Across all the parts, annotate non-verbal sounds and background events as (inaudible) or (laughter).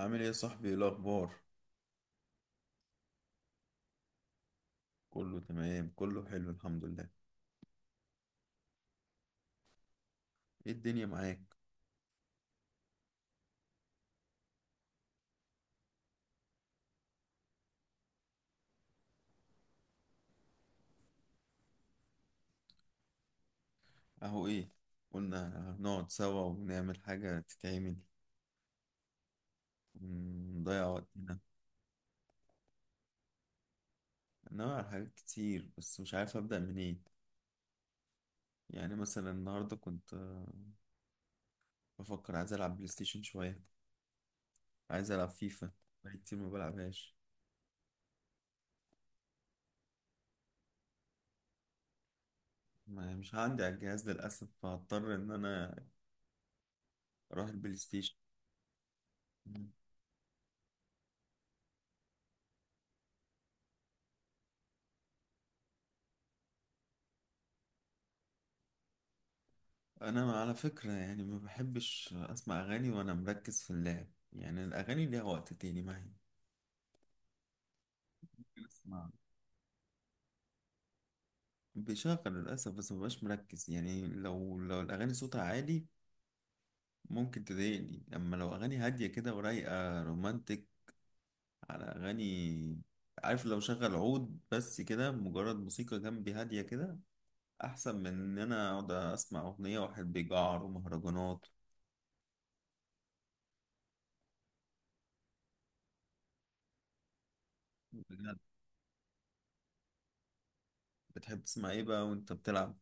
عامل ايه يا صاحبي؟ ايه الاخبار؟ كله تمام، كله حلو، الحمد لله. ايه الدنيا معاك؟ اهو ايه؟ قلنا نقعد سوا ونعمل حاجة تتعمل ونضيع وقتنا. ناوي على حاجات كتير، بس مش عارف ابدأ منين. يعني مثلا النهاردة كنت بفكر، عايز العب بلاي ستيشن شوية، عايز العب فيفا. بقالي كتير ما بلعبهاش. مش عندي على الجهاز للاسف، فهضطر ان انا اروح البلاي ستيشن. انا على فكرة يعني ما بحبش اسمع اغاني وانا مركز في اللعب، يعني الاغاني ليها وقت تاني معي. بسمع، بشغل للاسف، بس ما ببقاش مركز. يعني لو الاغاني صوتها عالي ممكن تضايقني، اما لو اغاني هادية كده ورايقة رومانتك على اغاني. عارف، لو شغل عود بس كده، مجرد موسيقى جنبي هادية كده، احسن من ان انا اقعد اسمع اغنية واحد بيجعر ومهرجانات. بجد؟ بتحب تسمع ايه بقى وانت بتلعب؟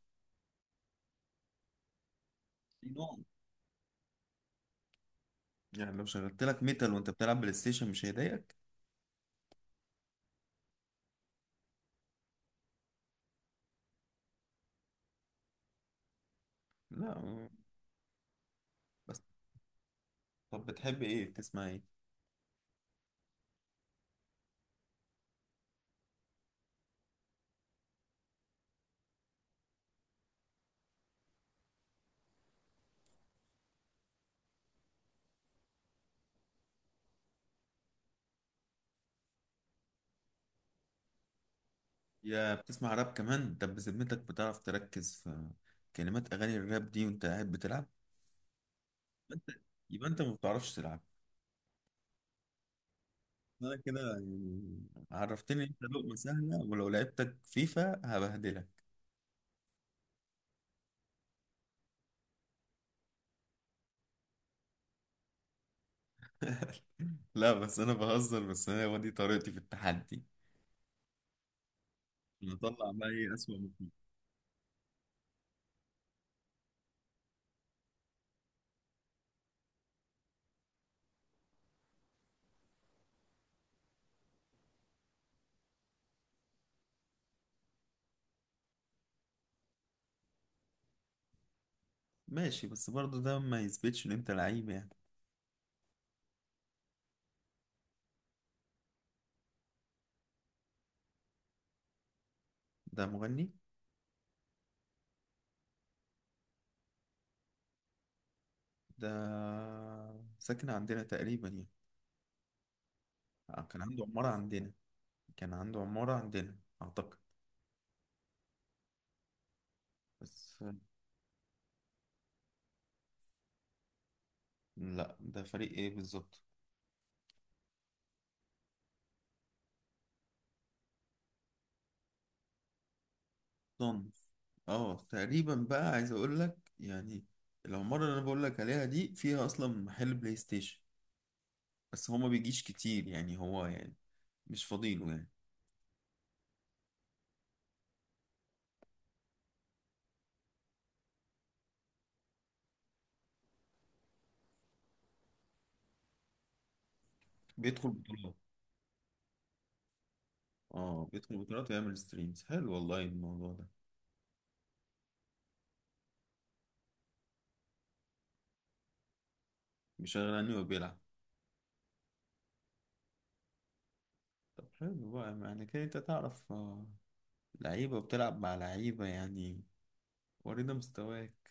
يعني لو شغلت لك ميتال وانت بتلعب بلاي ستيشن مش هيضايقك؟ لا. بس. طب بتحب ايه، بتسمع ايه؟ يا بتسمع راب كمان؟ طب بذمتك بتعرف تركز في كلمات اغاني الراب دي وانت قاعد بتلعب؟ يبقى انت يبقى انت ما بتعرفش تلعب. انا كده يعني، عرفتني انت لقمة سهلة، ولو لعبتك فيفا هبهدلك. لا بس انا بهزر، بس انا هو دي طريقتي في التحدي. نطلع بقى، ايه اسوأ ما فيه؟ ماشي، بس برضه ده ما يثبتش ان انت لعيب يعني. ده مغني؟ ده ساكن عندنا تقريبا يعني، كان عنده عمارة عندنا. كان عنده عمارة عندنا أعتقد. بس. لا ده فريق إيه بالظبط؟ ضن. اه تقريبا، بقى عايز أقول لك يعني، العمارة اللي أنا بقول لك عليها دي فيها أصلا محل بلاي ستيشن، بس هو ما بيجيش كتير يعني، هو يعني مش فاضيله يعني. بيدخل بطولات؟ اه بيدخل بطولات ويعمل ستريمز، حلو والله الموضوع ده. مش غني وبيلعب؟ طب حلو بقى، يعني كده انت تعرف لعيبة وبتلعب مع لعيبة يعني. ورينا مستواك.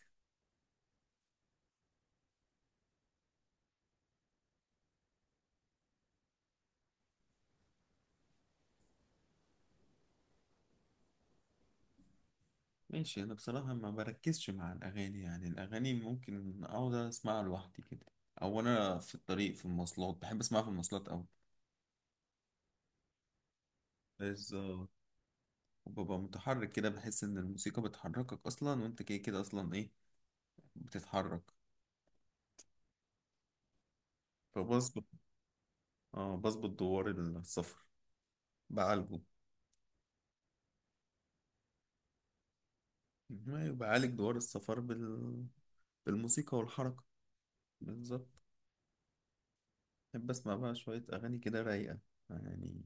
ماشي. أنا بصراحة ما بركزش مع الأغاني، يعني الأغاني ممكن أقعد أسمعها لوحدي كده، أو أنا في الطريق في المواصلات، بحب أسمعها في المواصلات أوي. بالظبط. وببقى متحرك كده، بحس إن الموسيقى بتحركك أصلا، وأنت كده كده أصلا إيه، بتتحرك. فبظبط. آه بظبط، دوار السفر بعالجه. ما بعالج دوار السفر بالموسيقى والحركة. بالظبط. بحب أسمع بقى شوية أغاني كده رايقة يعني.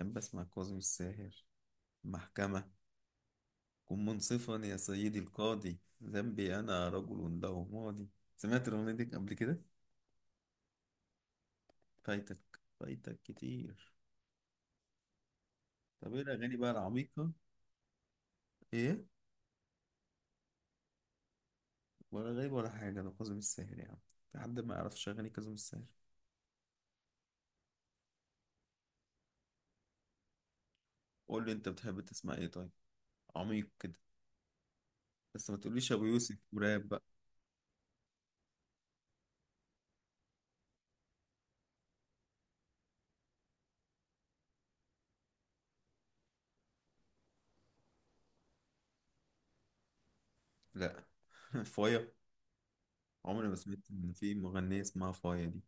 أحب أسمع كاظم الساهر، محكمة، كن منصفا يا سيدي القاضي، ذنبي أنا رجل له ماضي. سمعت الأغنية دي قبل كده؟ فايتك، فايتك كتير. طب إيه الأغاني بقى العميقة؟ إيه؟ ولا غريب ولا حاجة، ده كاظم الساهر يا عم. في حد ما يعرفش أغاني كاظم الساهر؟ قول لي أنت بتحب تسمع إيه طيب؟ عميق كده، بس ما تقوليش أبو يوسف وراب بقى. لا. (laughs) فايا؟ عمري ما سمعت إن في مغنية اسمها فايا دي.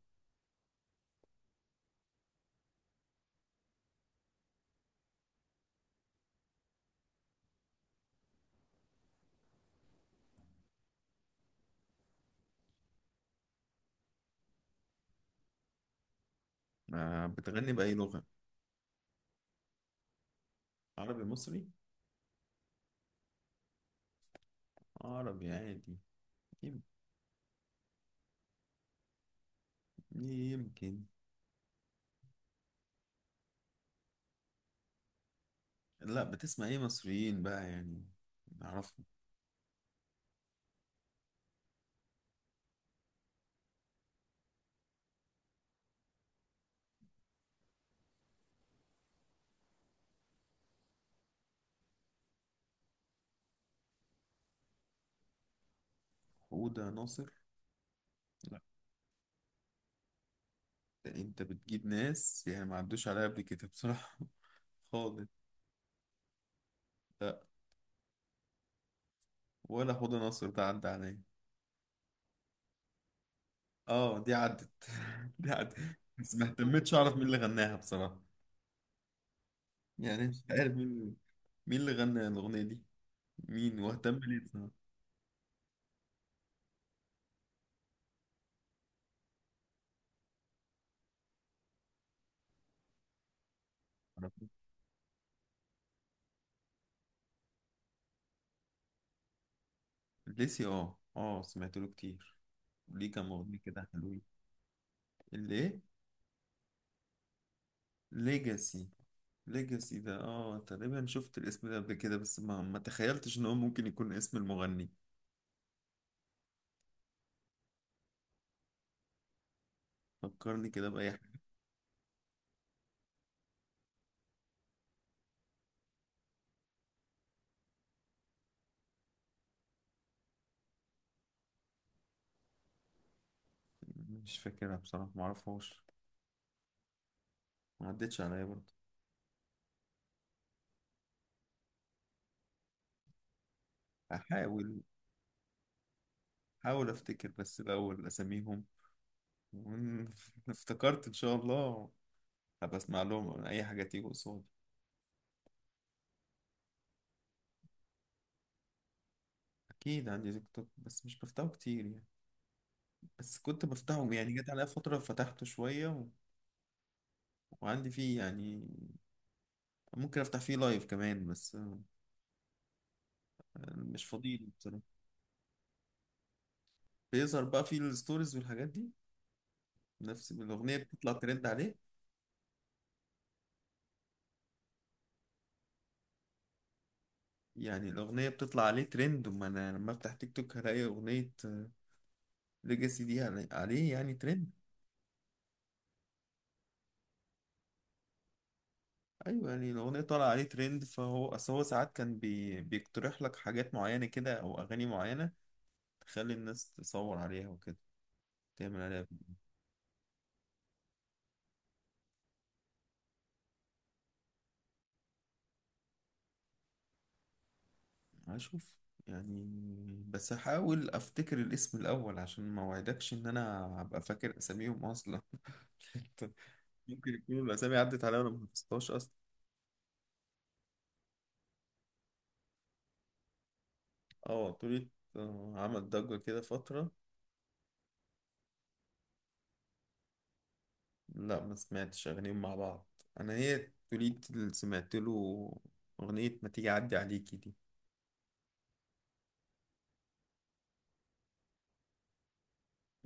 ما بتغني بأي لغة؟ عربي مصري؟ عربي عادي. يم- يمكن. لا، بتسمع ايه مصريين بقى يعني نعرفهم؟ حودة ناصر؟ لا. ده انت بتجيب ناس يعني ما عدوش عليا قبل كده بصراحة، (laughs) خالص. لا، ولا حودة ناصر ده عدى عليا. اه دي عدت، (laughs) دي عدت. بس ما اهتمتش اعرف مين اللي غناها بصراحة، يعني مش عارف مين. مين اللي غنى الأغنية دي؟ مين؟ واهتم ليه بصراحة. معرفش. ليسي؟ اه اه، سمعت له كتير، ليه كام أغنية كده حلوين. اللي ايه؟ ليجاسي؟ ليجاسي ده اه تقريبا شفت الاسم ده قبل كده، بس ما تخيلتش ان هو ممكن يكون اسم المغني. فكرني كده بأي حاجة. مش فاكرها بصراحة، ما اعرفهاش، ما عدتش عليا برضه. هحاول هحاول افتكر بس الاول اساميهم، وإن (laughs) افتكرت ان شاء الله هبقى اسمع لهم، اي حاجة تيجي قصادي. اكيد عندي تيك توك، بس مش بفتحه كتير يعني. بس كنت بفتحه يعني، جت عليا فترة فتحته شوية وعندي فيه يعني، ممكن افتح فيه لايف كمان، بس مش فاضي له بصراحة. بيظهر بقى في الستوريز والحاجات دي، نفس الأغنية بتطلع ترند عليه. يعني الأغنية بتطلع عليه ترند، وما أنا لما أفتح تيك توك هلاقي أغنية ليجاسي دي عليه يعني ترند. أيوة، يعني الأغنية طالعة عليه ترند، فهو أصل هو ساعات كان بيقترح لك حاجات معينة كده، أو أغاني معينة تخلي الناس تصور عليها وكده، تعمل عليها فيديو. هشوف يعني. بس هحاول أفتكر الاسم الأول، عشان ما وعدكش إن أنا هبقى فاكر أساميهم أصلا. (laughs) ممكن يكون الأسامي عدت عليا وأنا ما حفظتهاش أصلا. اه طولة، عمل ضجة كده فترة. لا ما سمعتش أغانيهم مع بعض، أنا هي طولية اللي سمعت له، أغنية ما تيجي أعدي عليكي دي.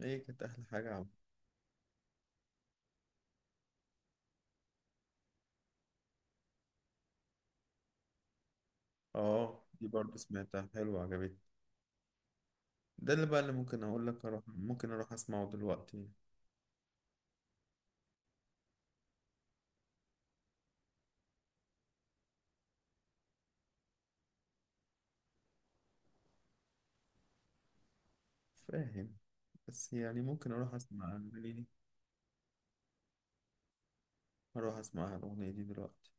هي كانت أحلى حاجة عم. اه دي برضه سمعتها، حلوة عجبتني. ده اللي بقى اللي ممكن أقول لك أروح، ممكن أروح أسمعه دلوقتي. فاهم. بس يعني ممكن أروح أسمع الأغنية دي. أروح أسمع الأغنية دي دلوقتي.